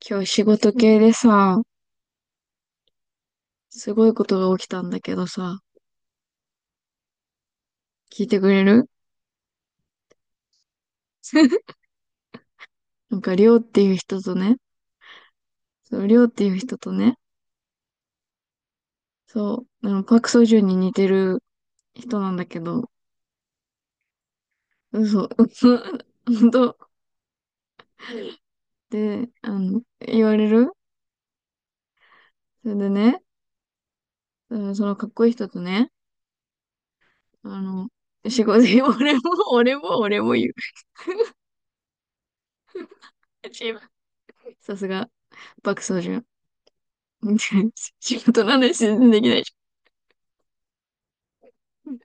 今日仕事系でさ、すごいことが起きたんだけどさ、聞いてくれる？ なんか、りょうっていう人とね、そう、りょうっていう人とね、そう、パクソジュンに似てる人なんだけど、嘘、嘘、本当。で、言われる。それでね、うん、そのかっこいい人とね、あの、仕事、俺も、俺も、俺も言う。さすが、パクソジュン。仕事の話全然できないじゃん。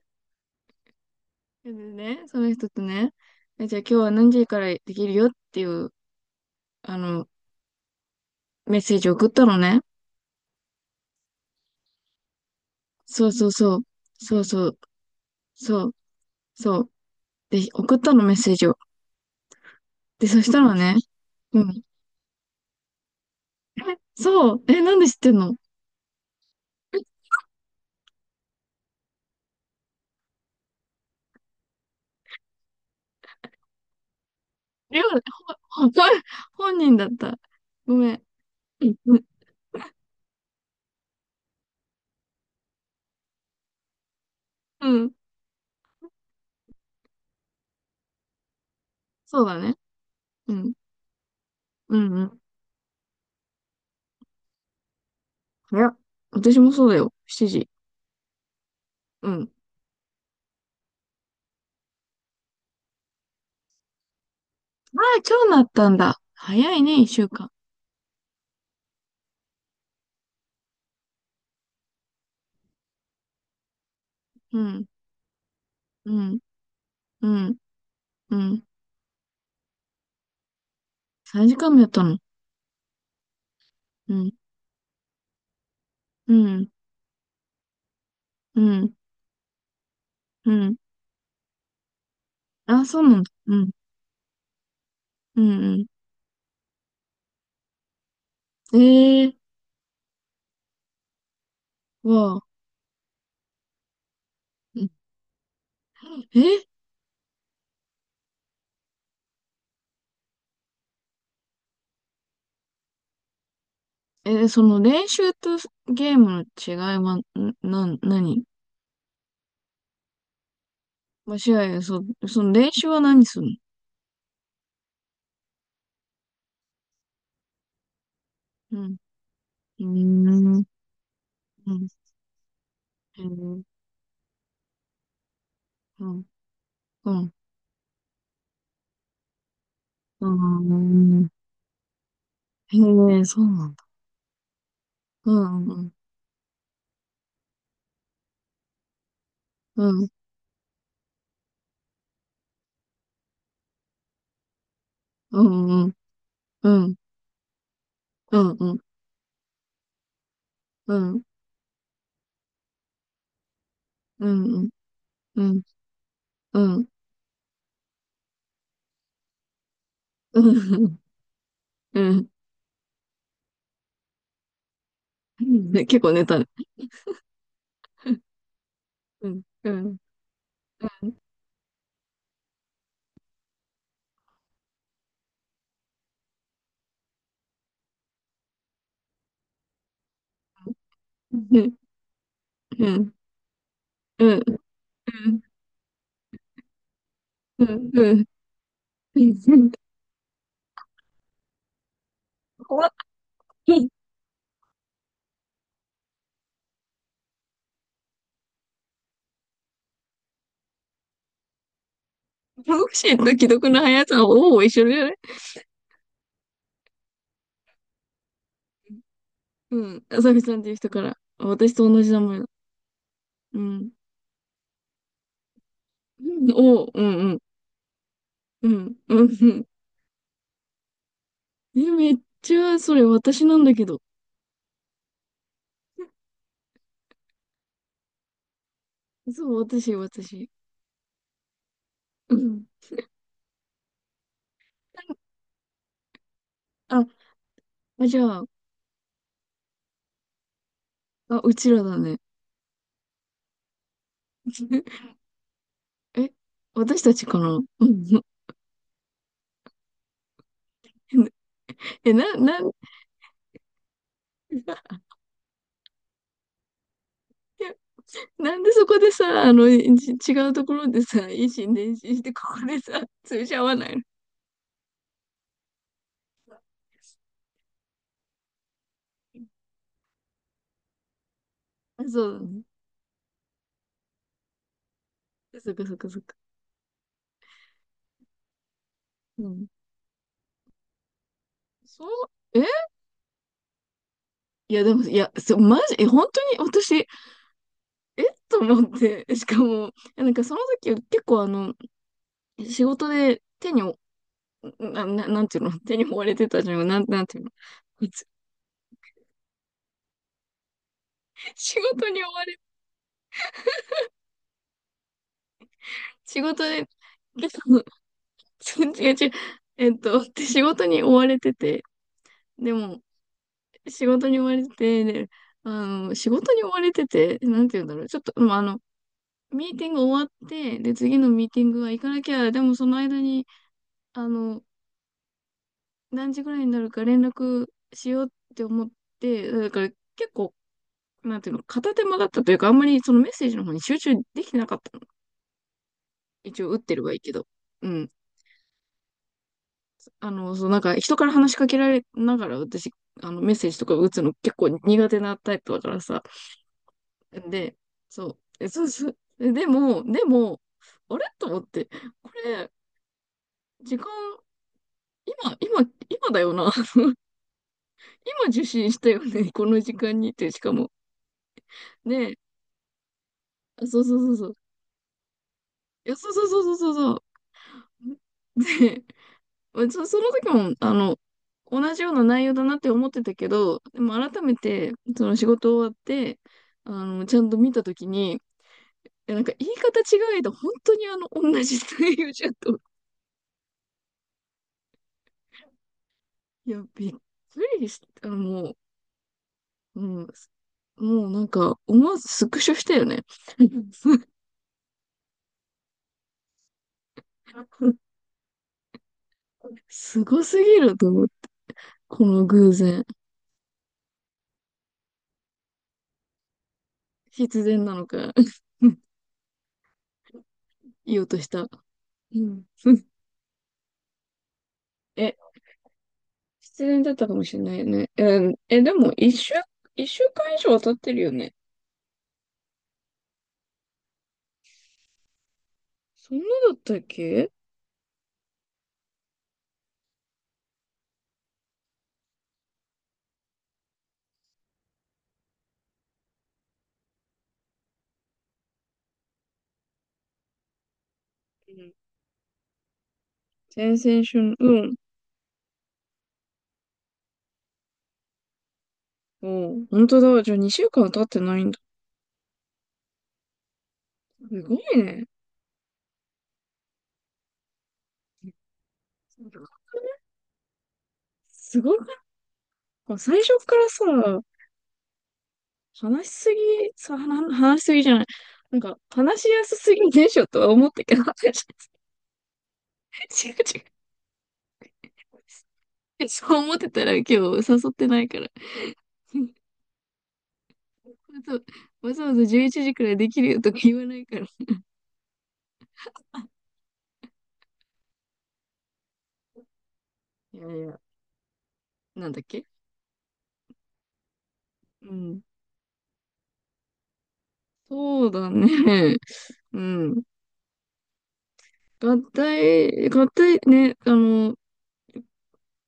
でね、その人とね、じゃあ今日は何時からできるよっていう、あの、メッセージを送ったのね。そうそうそう。そうそう。そう。そう。で、送ったのメッセージを。で、そしたらね、うん。え、そう。え、なんで知ってんの？りょう、本本人だった。ごめん。うん。うん。そうだね。うん。うん。うん。早っ。私もそうだよ。7時。うん。ああ、今日なったんだ。早いね、一週間。うん。うん。うん。うん。3時間もやったの？うんうんうんうん。あ、そうなんだ。うんうんうん。えー、わ。うん。え、え、その練習とゲームの違いは、うん、何？ま、違い、そ、その練習は何する？うんうんうんうんうんうんうんうん。へー、そうなんだ。うんうんうんうんうんうんうんうんうんうんうんうんうん。うん。うんね、結構寝たね。うん、うん、うん、うん、うん、うん、うん、うん、うん、怖っ。うん。怖。ボクシーと既読の速さはほぼ一緒じゃない？うん。朝日さんっていう人から。私と同じ名前だ。うん。うんおう、うん、うん、うん、うん、うん。え、めっちゃ、それ私なんだけど。そう、私、私。うん。あ、じゃあ、あ、うちらだね。え、私たちかな？うん。え、な、なん、いや、なんでそこでさ、違うところでさ、維新伝心して、ここでさ、通じ合わないの？あ、そうだね。そっかそっかそっか。うん。そう、えいや、でも、いや、そう、マジ、本当に私、と思って、しかも、いやなんかその時結構仕事で手にお、なんていうの、手に追われてたじゃん。なんていうの、こいつ。仕事に追われ、仕事で、結構、違う違う、で仕事に追われてて、でも、仕事に追われてて、で、仕事に追われてて、なんて言うんだろう。ちょっと、まあ、ミーティング終わって、で、次のミーティングは行かなきゃ、でもその間に、あの、何時ぐらいになるか連絡しようって思って、だから結構、なんていうの、片手間だったというか、あんまりそのメッセージの方に集中できてなかったの。一応打ってればいいけど。うん。そう、なんか人から話しかけられながら私、メッセージとか打つの結構苦手なタイプだからさ。で、そう、え、そうそう。でも、でも、あれと思って、これ、時間、今、今、今だよな。今受信したよね。この時間にって、しかも。ねえ、あそうそうそうそう。いや、そうそうそうそうそう。で、まあその時も、同じような内容だなって思ってたけど、でも改めて、その仕事終わって、ちゃんと見た時に、いやなんか言い方違えど、本当に同じ内容じゃんと。いや、びっくりした。もう、うん、もうなんか、思わずスクショしたよね。すごすぎると思って、この偶然。必然なのか、言おうとした。うん、え、必然だったかもしれないね。えー、でも、一週間以上は経ってるよね。そんなだったっけ？うん。先々週の、うん。おう、本当だ。じゃあ2週間は経ってないんだ。すごいね。すごくない？すごくない？最初からさ、話しすぎ、そう、話しすぎじゃない？なんか、話しやすすぎでしょとは思ったけど、違う違う。そう思ってたら今日誘ってないから。わざわざわざ11時くらいできるよとか言わないから。いやいや、なんだっけ。うん。そうだね。うん。合体、合体ね、あの、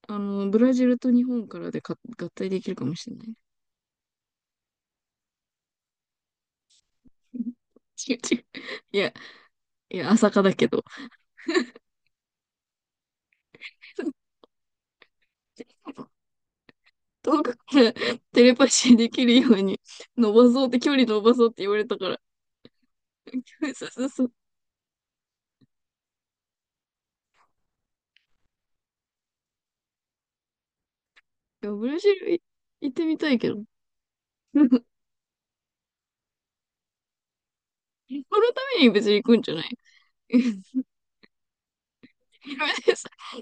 あの、ブラジルと日本からでか合体できるかもしれない。違う違う。いや、いや、朝霞だけど。遠くからテレパシーできるように伸ばそうって、距離伸ばそうって言われたから。そうそうそう。いや、ブラジルい行ってみたいけど。このために別に行くんじゃない。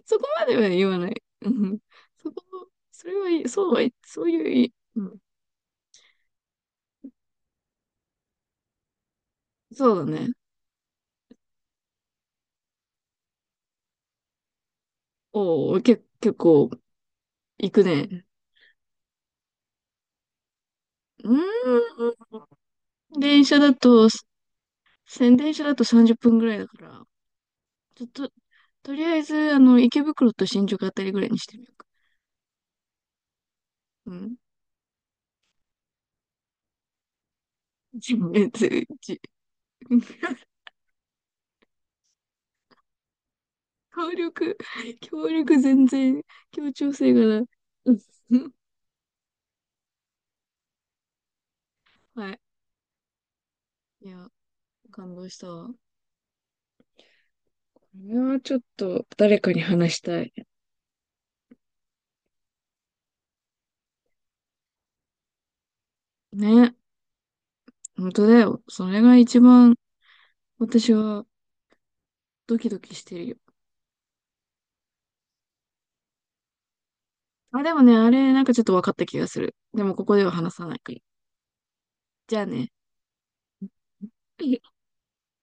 そそこまでは言わない。うん。そこ、それはいい、そうはい、そういういい、うん。そうだね。おお、結構行くね。うーん。電車だと30分ぐらいだから、ちょっと、とりあえず、池袋と新宿あたりぐらいにしてみようか。うん。じつじ協力、協力全然、協調性がない。うん。 はい。いや、感動したわ。これはちょっと誰かに話したい。ね、本当だよ。それが一番私はドキドキしてるよ。あ、でもね、あれ、なんかちょっと分かった気がする。でもここでは話さないから。じゃあね。